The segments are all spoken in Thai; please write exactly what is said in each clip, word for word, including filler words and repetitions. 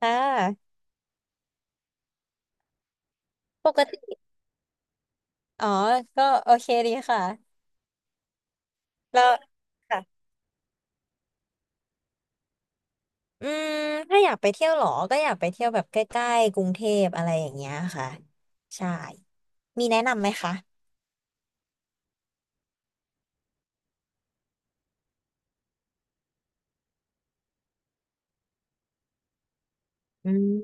ค่ะปกติอ๋อก็โอเคดีค่ะแล้วค่ะอืมถ้าอยากไปเที่ยวเหรอก็อยากไปเที่ยวแบบใกล้ๆกรุงเทพอะไรอย่างเงี้ยค่ะใช่มีแนะนำไหมคะอืม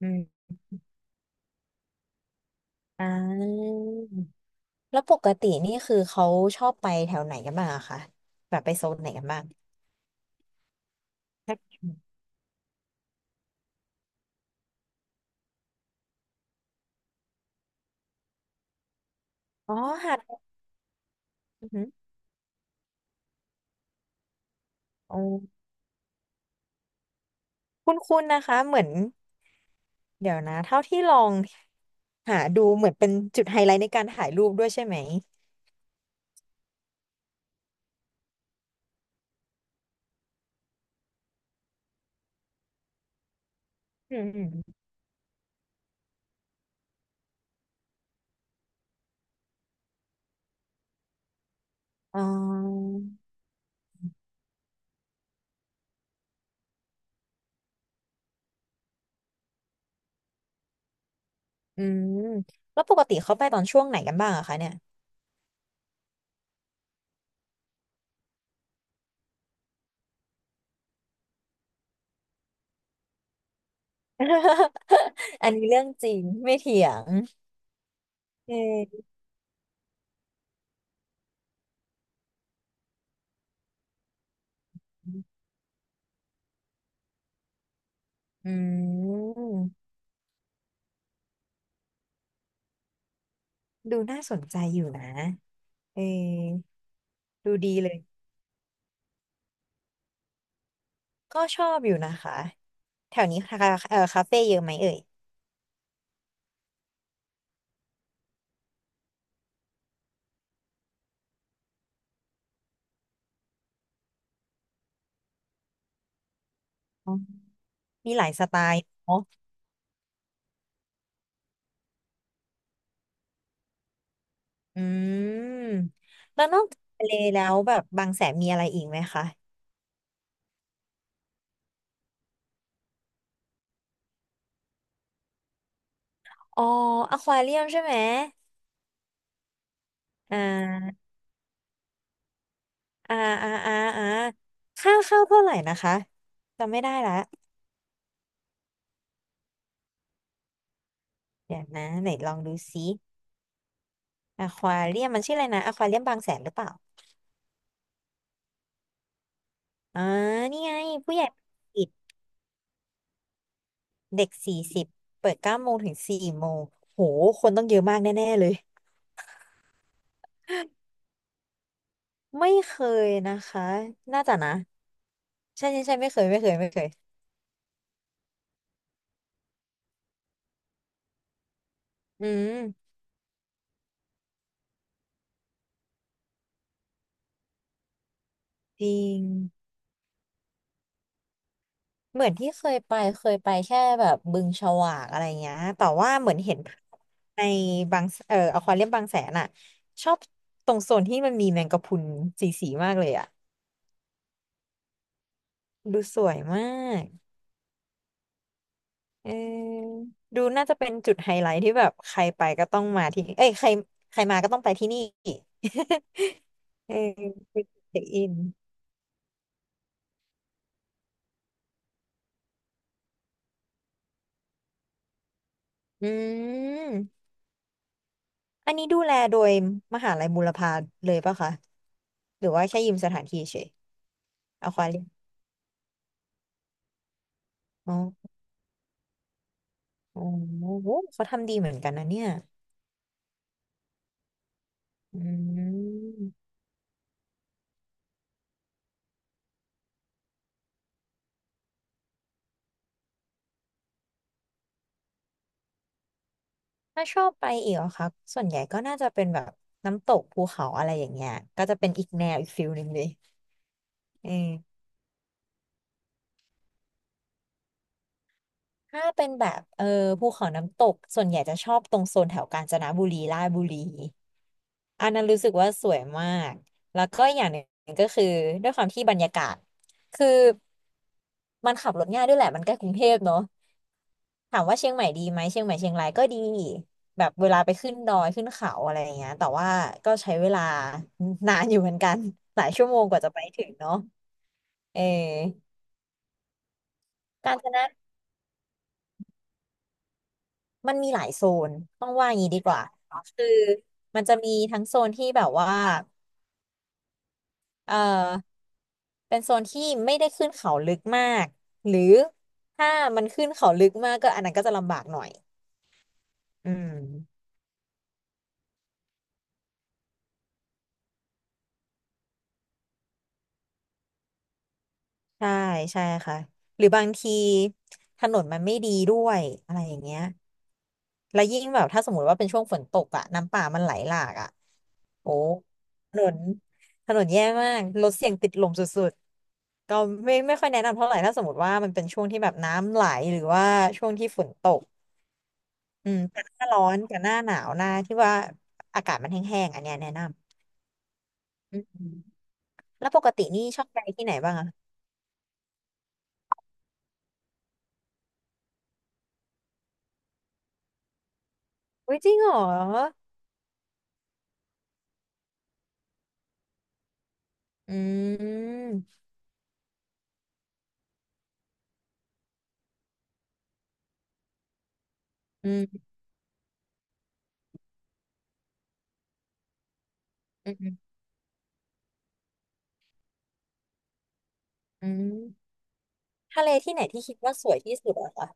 อืมอ่าแล้วปกตินี่คือเขาชอบไปแถวไหนกันบ้างอะคะแบบไปโซนไหนกันบ้างถ้าอ๋อหาดอือหืออ๋อคุ้นๆนะคะเหมือนเดี๋ยวนะเท่าที่ลองหาดูเหมือนเป็นจุดไฮไลท์ในการถ่ายรูปด้วยใช่ไหมอืม อ๋าอืมแล้วปกติเขาไปตอนช่วงไหนกันบ้างอะคะเนี่ย อันนี้เรื่องจริงไม่เถียงเอออืมดูน่าสนใจอยู่นะเออดูดีเลยก็ชอบอยู่นะคะแถวนี้คาเออคาเฟ่เยอะไหมเอ่ยอ๋อมีหลายสไตล์เนาะอืมแล้วนอกจากทะเลแล้วแบบบางแสนมีอะไรอีกไหมคะอ๋ออควาเรียมใช่ไหมอ่า อ่าอ่าอ่าอ่าค่าเข้าเท่าไหร่นะคะจำไม่ได้ละเดี๋ยวนะไหนลองดูซิอควาเรียมมันชื่ออะไรนะอควาเรียมบางแสนหรือเปล่าอ่านี่ไงผู้ใหญ่ปิดเด็กสี่สิบเปิดเก้าโมงถึงสี่โมงโหคนต้องเยอะมากแน่ๆเลยไม่เคยนะคะน่าจะนะใช่ใช่ใช่ไม่เคยไม่เคยไม่เคยอืมจริง เหมือนที่เคยไปเคยไปแค่แบบบึงฉวากอะไรเงี้ย แต่ว่าเหมือนเห็นภาพในบางเอ่ออควาเรียมบางแสนอ่ะชอบตรงโซนที่มันมีแมงกะพรุนสีสีมากเลยอ่ะดูสวยมากเออดูน่าจะเป็นจุดไฮไลท์ที่แบบใครไปก็ต้องมาที่เอ้ยใครใครมาก็ต้องไปที่นี่ เออเป็นจุดเช็คอินอืมอันนี้ดูแลโดยมหาลัยบูรพาเลยปะคะหรือว่าแค่ยืมสถานที่เฉยอควาเรียม โอ้โหเขาทำดีเหมือนกันนะเนี่ยอืมถ้าชอบไปอีกเหรอคะส่วนใหญ่ก็น่าจะเป็นแบบน้ำตกภูเขาอะไรอย่างเงี้ยก็จะเป็นอีกแนวอีกฟิลหนึ่งเลยเออถ้าเป็นแบบเออภูเขาน้ำตกส่วนใหญ่จะชอบตรงโซนแถวกาญจนบุรีราชบุรีอันนั้นรู้สึกว่าสวยมากแล้วก็อย่างหนึ่งก็คือด้วยความที่บรรยากาศคือมันขับรถง่ายด้วยแหละมันใกล้กรุงเทพเนอะ ถามว่าเชียงใหม่ดีไหมเชียงใหม่เชียงรายก็ดีแบบเวลาไปขึ้นดอยขึ้นเขาอะไรอย่างเงี้ยแต่ว่าก็ใช้เวลานานอยู่เหมือนกัน หลายชั่วโมงกว่าจะไปถึงเนาะเออการจนะมันมีหลายโซนต้องว่าอย่างนี้ดีกว่าคือมันจะมีทั้งโซนที่แบบว่าเออเป็นโซนที่ไม่ได้ขึ้นเขาลึกมากหรือถ้ามันขึ้นเขาลึกมากก็อันนั้นก็จะลำบากหน่อยอืม ใช่ใช่ค่ะหรือบางทีถนนมันไม่ดีด้วยอะไรอย่างเงี้ยแล้วยิ่งแบบถ้าสมมติว่าเป็นช่วงฝนตกอะน้ำป่ามันไหลหลากอะโอ้ถนนถนนแย่มากรถเสี่ยงติดลมสุดๆก็ไม่ไม่ค่อยแนะนำเท่าไหร่ถ้าสมมติว่ามันเป็นช่วงที่แบบน้ำไหลหรือว่าช่วงที่ฝนตกอืมแต่หน้าร้อนกับหน้าหนาวหน้าที่ว่าอากาศมันแห้งๆอันเนี้ยแนะนำอืมแล้วปกตินี่ชอบไปที่ไหนบ้างอะอุ้ยจริงเหรออืมอืมอืม อืมทะเลที่ไหนที่คิดว่าสวยที่สุดอะคะ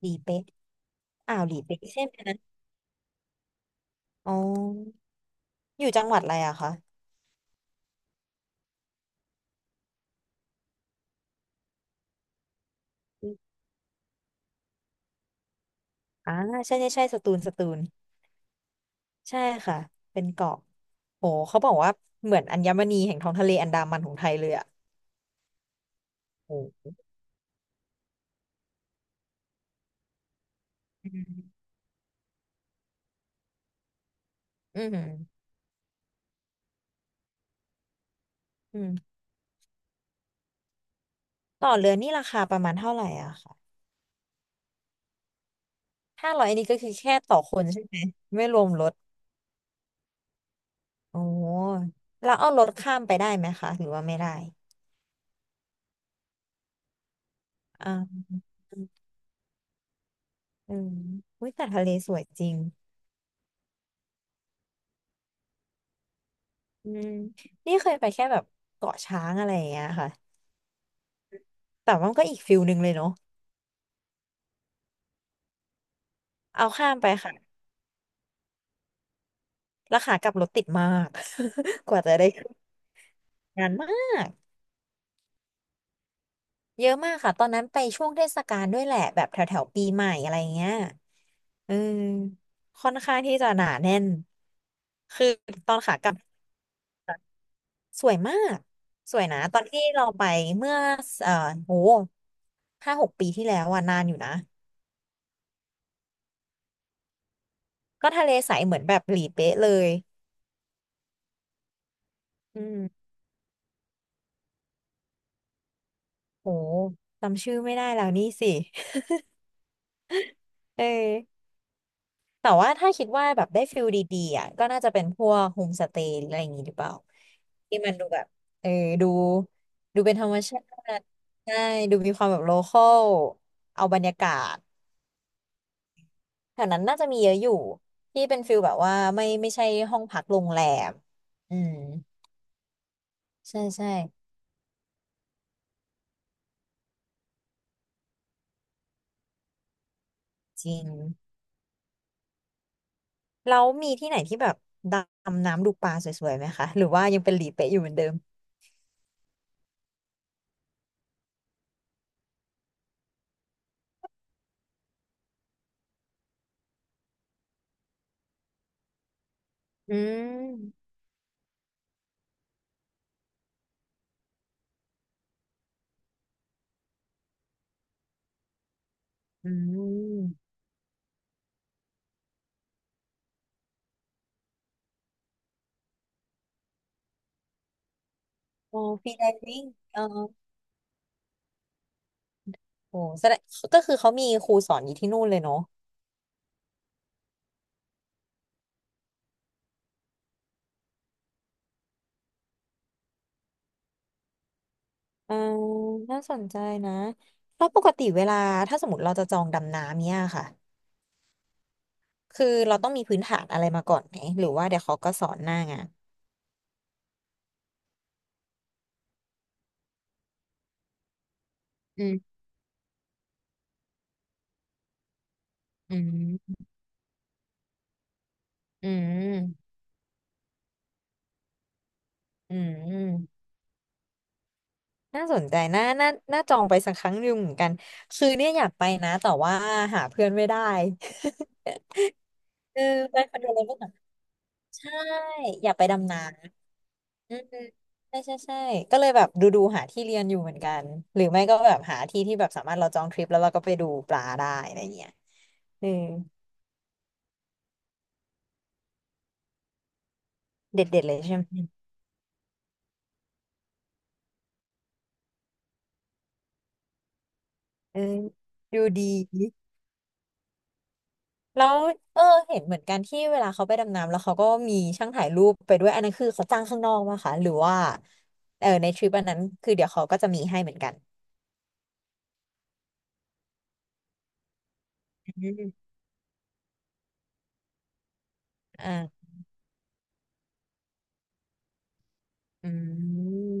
หลีเป๊ะอ่าวหลีเป๊ะใช่ไหมอ๋ออยู่จังหวัดอะไรอะคะอ่าใช่ใช่ใช่สตูลสตูลใช่ค่ะเป็นเกาะโหเขาบอกว่าเหมือนอัญมณีแห่งท้องทะเลอันดามันของไทยเลยอะโหอืมอืมอืมต่อเรือนี่ราคาประมาณเท่าไหร่อะค่ะห้าร้อยอันนี้ก็คือแค่ต่อคนใช่ไหมไม่รวมรถโอ้แล้วเอารถข้ามไปได้ไหมคะหรือว่าไม่ได้อ่า อืมอุ้ยแต่ทะเลสวยจริง อืม นี่เคยไปแค่แบบเกาะช้างอะไรอย่างเงี้ยค่ะ แต่ว่ามันก็อีกฟิลหนึ่งเลยเนาะเอาข้ามไปค่ะแล้วขากลับรถติดมาก กว่าจะได้ขึ้นนานมาก เยอะมากค่ะ ตอนนั้นไปช่วงเทศกาลด้วยแหละ แบบแถวแถวปีใหม่อะไรเงี้ยเออค่อนข้างที่จะหนาแน่น คือตอนขากลับสวยมากสวยนะตอนที่เราไปเมื่อเอ่อโหห้าหกปีที่แล้วอะนานอยู่นะ ก็ทะเลใสเหมือนแบบหลีเป๊ะเลยอืมโหจำชื่อไม่ได้แล้วนี่สิ เออแต่ว่าถ้าคิดว่าแบบได้ฟิลดีๆอ่ะก็น่าจะเป็นพวกโฮมสเตย์อะไรอย่างงี้หรือเปล่า ที่มันดูแบบเออดู ดูเป็นธรรมชาติใช่ ดูมีความแบบโลคอลเอาบรรยากาศ แถวนั้นน่าจะมีเยอะอยู่ ที่เป็นฟิลแบบว่าไม่ไม่ใช่ห้องพักโรงแรมอืมใช่ใช่จริง แล้วมีที่ไหนที่แบบดำน้ำดูปลาสวยๆไหมคะหรือว่ายังเป็นหลีเป๊ะอยู่เหมือนเดิม อืม อืมโอ้ฟรีไดวิ่งเออโอ้แสดงก็คือเขามีครูสอนอยู่ที่นู่นเลยเนาะอ่าน่าสนใจนะแล้วปกติเวลาถ้าสมมติเราจะจองดำน้ำเนี่ยค่ะ คือเราต้องมีพื้นฐานอะไรมาก่อนไหมหรือว่าเดี๋ยวเขาก็สอนหน้างานอืมอืมอืมอืม น่าสนใจน่าน่าน่าจองไปสักครั้งหนึ่งเหมือนกันคือเนี่ยอยากไปนะแต่ว่าหาเพื่อนไม่ได้ เออไปคอนโดเลยก็แบบใช่อยากไปดำน้ำอืมใช่ใช่ใช่ก็เลยแบบดูดูหาที่เรียนอยู่เหมือนกันหรือไม่ก็แบบหาที่ที่แบบสามารถเราจองทริปแล้วเราก็ไปดูปลาได้อะไรเงี้ยเออเด็ดเด็ดเลยใช่ไหมเออดูดี แล้วเออเห็นเหมือนกันที่เวลาเขาไปดำน้ำแล้วเขาก็มีช่างถ่ายรูปไปด้วยอันนั้นคือเขาจ้างข้างนอกมาค่ะหรือว่าเออในทริปอันนั้นคือเดี๋ยวเขาก็จะมีให้เหมือนกันอืมอ่าอืม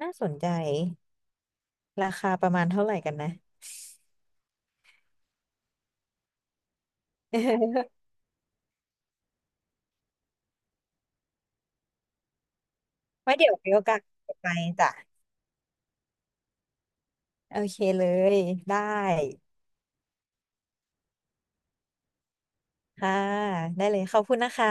น่าสนใจราคาประมาณเท่าไหร่กันนะ ไว้เดี๋ยวมีโอกาสไปจ้ะโอเคเลยได้ค่ะได้เลยขอบคุณนะคะ